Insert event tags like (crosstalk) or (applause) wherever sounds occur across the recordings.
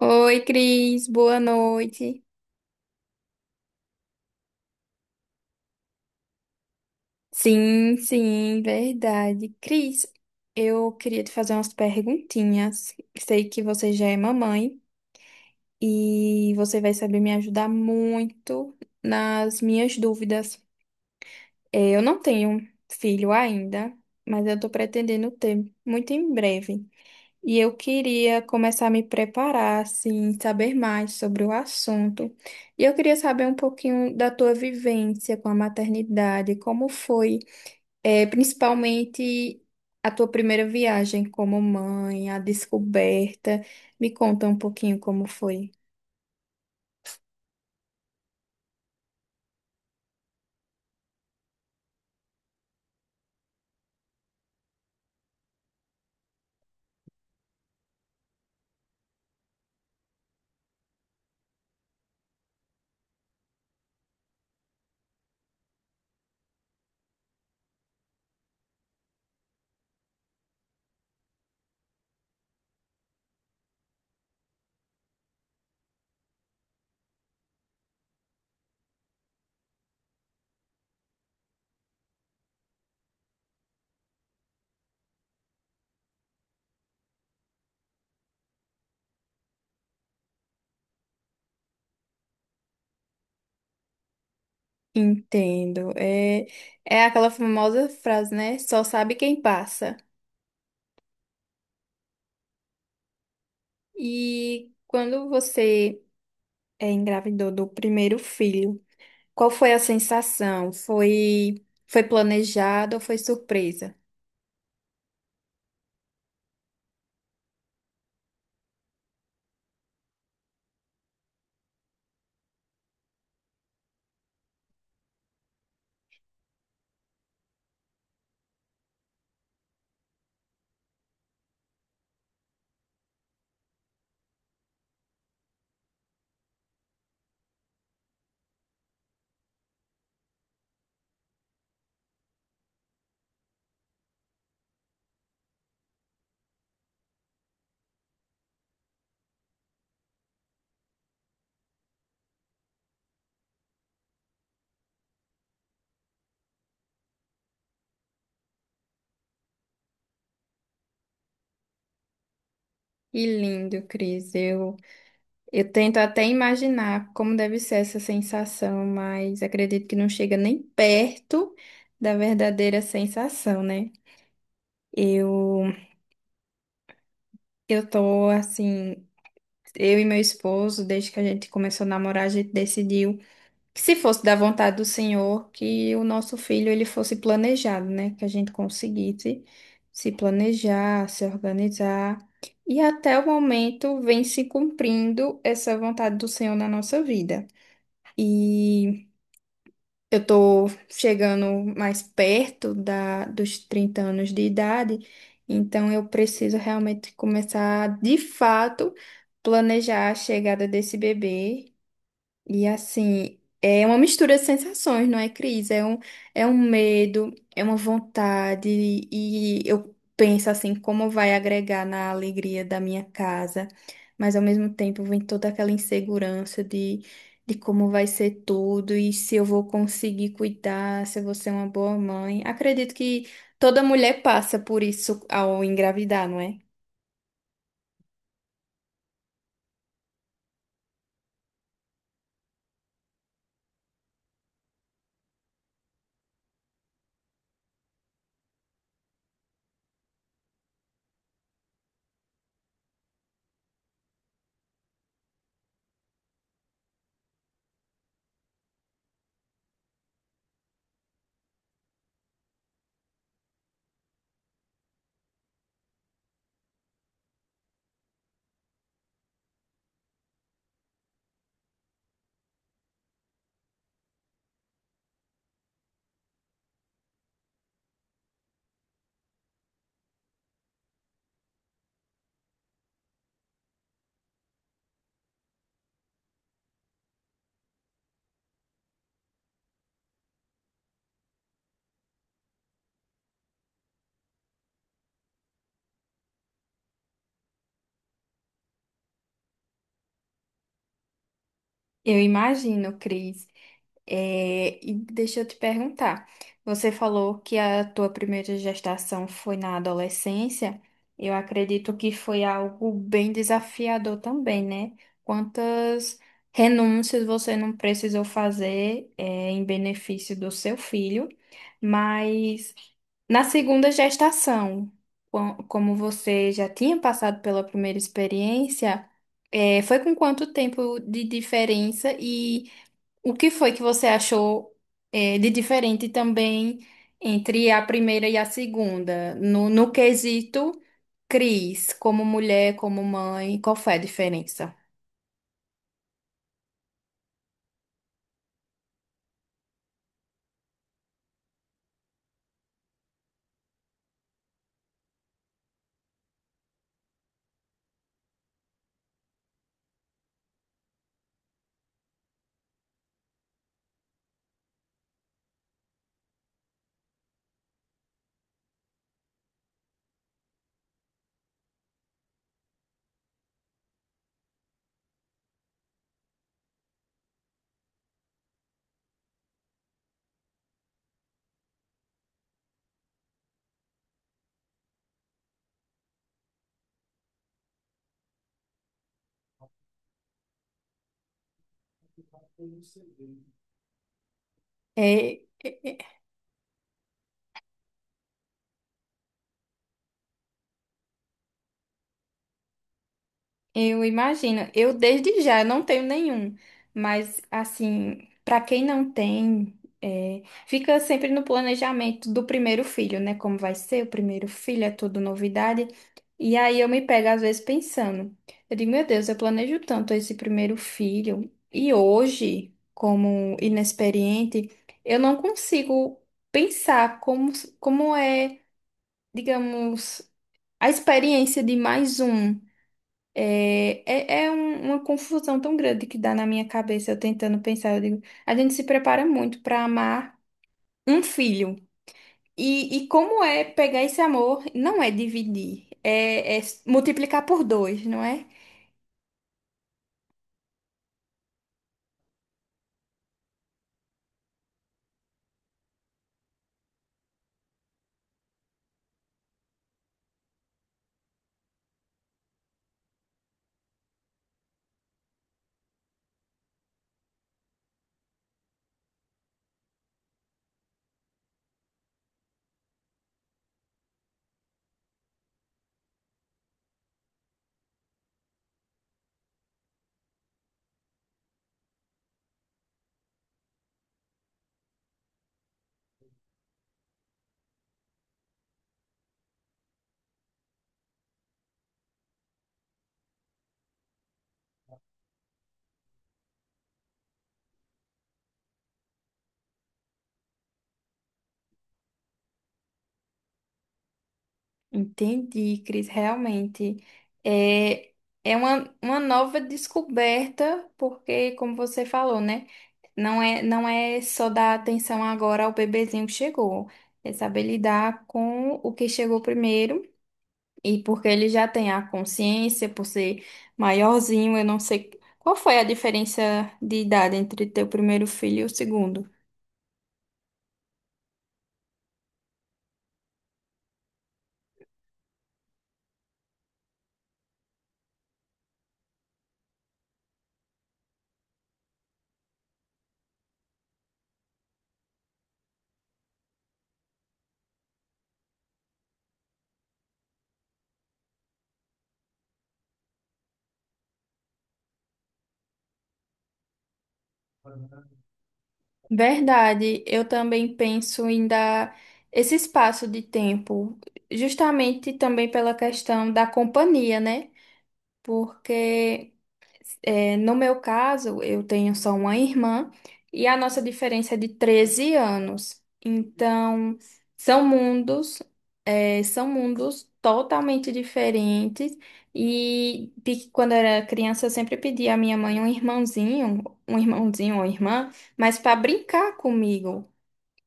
Oi, Cris, boa noite. Sim, sim, verdade. Cris, eu queria te fazer umas perguntinhas. Sei que você já é mamãe e você vai saber me ajudar muito nas minhas dúvidas. Eu não tenho filho ainda, mas eu tô pretendendo ter muito em breve. E eu queria começar a me preparar, assim, saber mais sobre o assunto. E eu queria saber um pouquinho da tua vivência com a maternidade, como foi, principalmente a tua primeira viagem como mãe, a descoberta. Me conta um pouquinho como foi. Entendo. É, é aquela famosa frase, né? Só sabe quem passa. E quando você engravidou do primeiro filho, qual foi a sensação? Foi planejado ou foi surpresa? Que lindo, Cris. Eu tento até imaginar como deve ser essa sensação, mas acredito que não chega nem perto da verdadeira sensação, né? Eu, eu tô assim, eu e meu esposo, desde que a gente começou a namorar, a gente decidiu. Que se fosse da vontade do Senhor, que o nosso filho ele fosse planejado, né? Que a gente conseguisse se planejar, se organizar. E até o momento vem se cumprindo essa vontade do Senhor na nossa vida. E eu tô chegando mais perto dos 30 anos de idade, então eu preciso realmente começar, de fato, planejar a chegada desse bebê e assim, é uma mistura de sensações, não é, Cris? É um medo, é uma vontade, e eu penso assim, como vai agregar na alegria da minha casa, mas ao mesmo tempo vem toda aquela insegurança de como vai ser tudo e se eu vou conseguir cuidar, se eu vou ser uma boa mãe. Acredito que toda mulher passa por isso ao engravidar, não é? Eu imagino, Cris. É, e deixa eu te perguntar, você falou que a tua primeira gestação foi na adolescência. Eu acredito que foi algo bem desafiador também, né? Quantas renúncias você não precisou fazer, é, em benefício do seu filho, mas na segunda gestação, como você já tinha passado pela primeira experiência, é, foi com quanto tempo de diferença e o que foi que você achou de diferente também entre a primeira e a segunda? No quesito Cris, como mulher, como mãe, qual foi a diferença? É, é, é, Eu imagino. Eu desde já eu não tenho nenhum, mas assim, para quem não tem, é, fica sempre no planejamento do primeiro filho, né? Como vai ser o primeiro filho, é tudo novidade. E aí eu me pego às vezes pensando, eu digo, meu Deus, eu planejo tanto esse primeiro filho e hoje, como inexperiente, eu não consigo pensar como é, digamos, a experiência de mais um. É uma confusão tão grande que dá na minha cabeça, eu tentando pensar, eu digo, a gente se prepara muito para amar um filho. E como é pegar esse amor, não é dividir, é multiplicar por 2, não é? Entendi, Cris, realmente. É, é uma nova descoberta, porque, como você falou, né? Não é só dar atenção agora ao bebezinho que chegou, é saber lidar com o que chegou primeiro. E porque ele já tem a consciência, por ser maiorzinho, eu não sei qual foi a diferença de idade entre teu primeiro filho e o segundo. Verdade, eu também penso em dar esse espaço de tempo, justamente também pela questão da companhia, né? Porque é, no meu caso, eu tenho só uma irmã e a nossa diferença é de 13 anos. Então, são mundos, é, são mundos totalmente diferentes. E quando eu era criança, eu sempre pedia à minha mãe um irmãozinho ou irmã, mas para brincar comigo.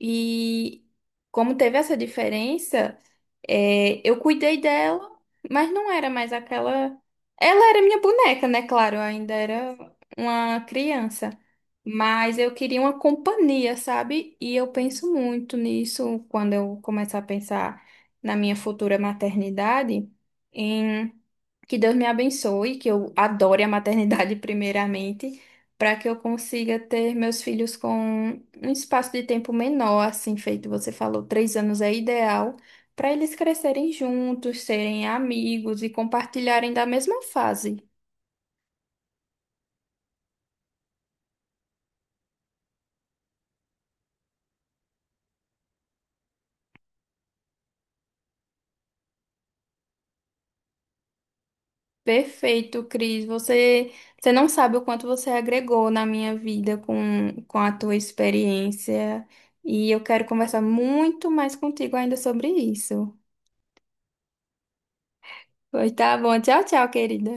E como teve essa diferença. É, eu cuidei dela, mas não era mais aquela. Ela era minha boneca, né? Claro, eu ainda era uma criança. Mas eu queria uma companhia, sabe? E eu penso muito nisso quando eu começar a pensar na minha futura maternidade, em que Deus me abençoe, que eu adore a maternidade (laughs) primeiramente, para que eu consiga ter meus filhos com um espaço de tempo menor, assim feito você falou, 3 anos é ideal, para eles crescerem juntos, serem amigos e compartilharem da mesma fase. Perfeito, Cris. Você não sabe o quanto você agregou na minha vida com a tua experiência. E eu quero conversar muito mais contigo ainda sobre isso. Pois tá bom. Tchau, tchau, querida.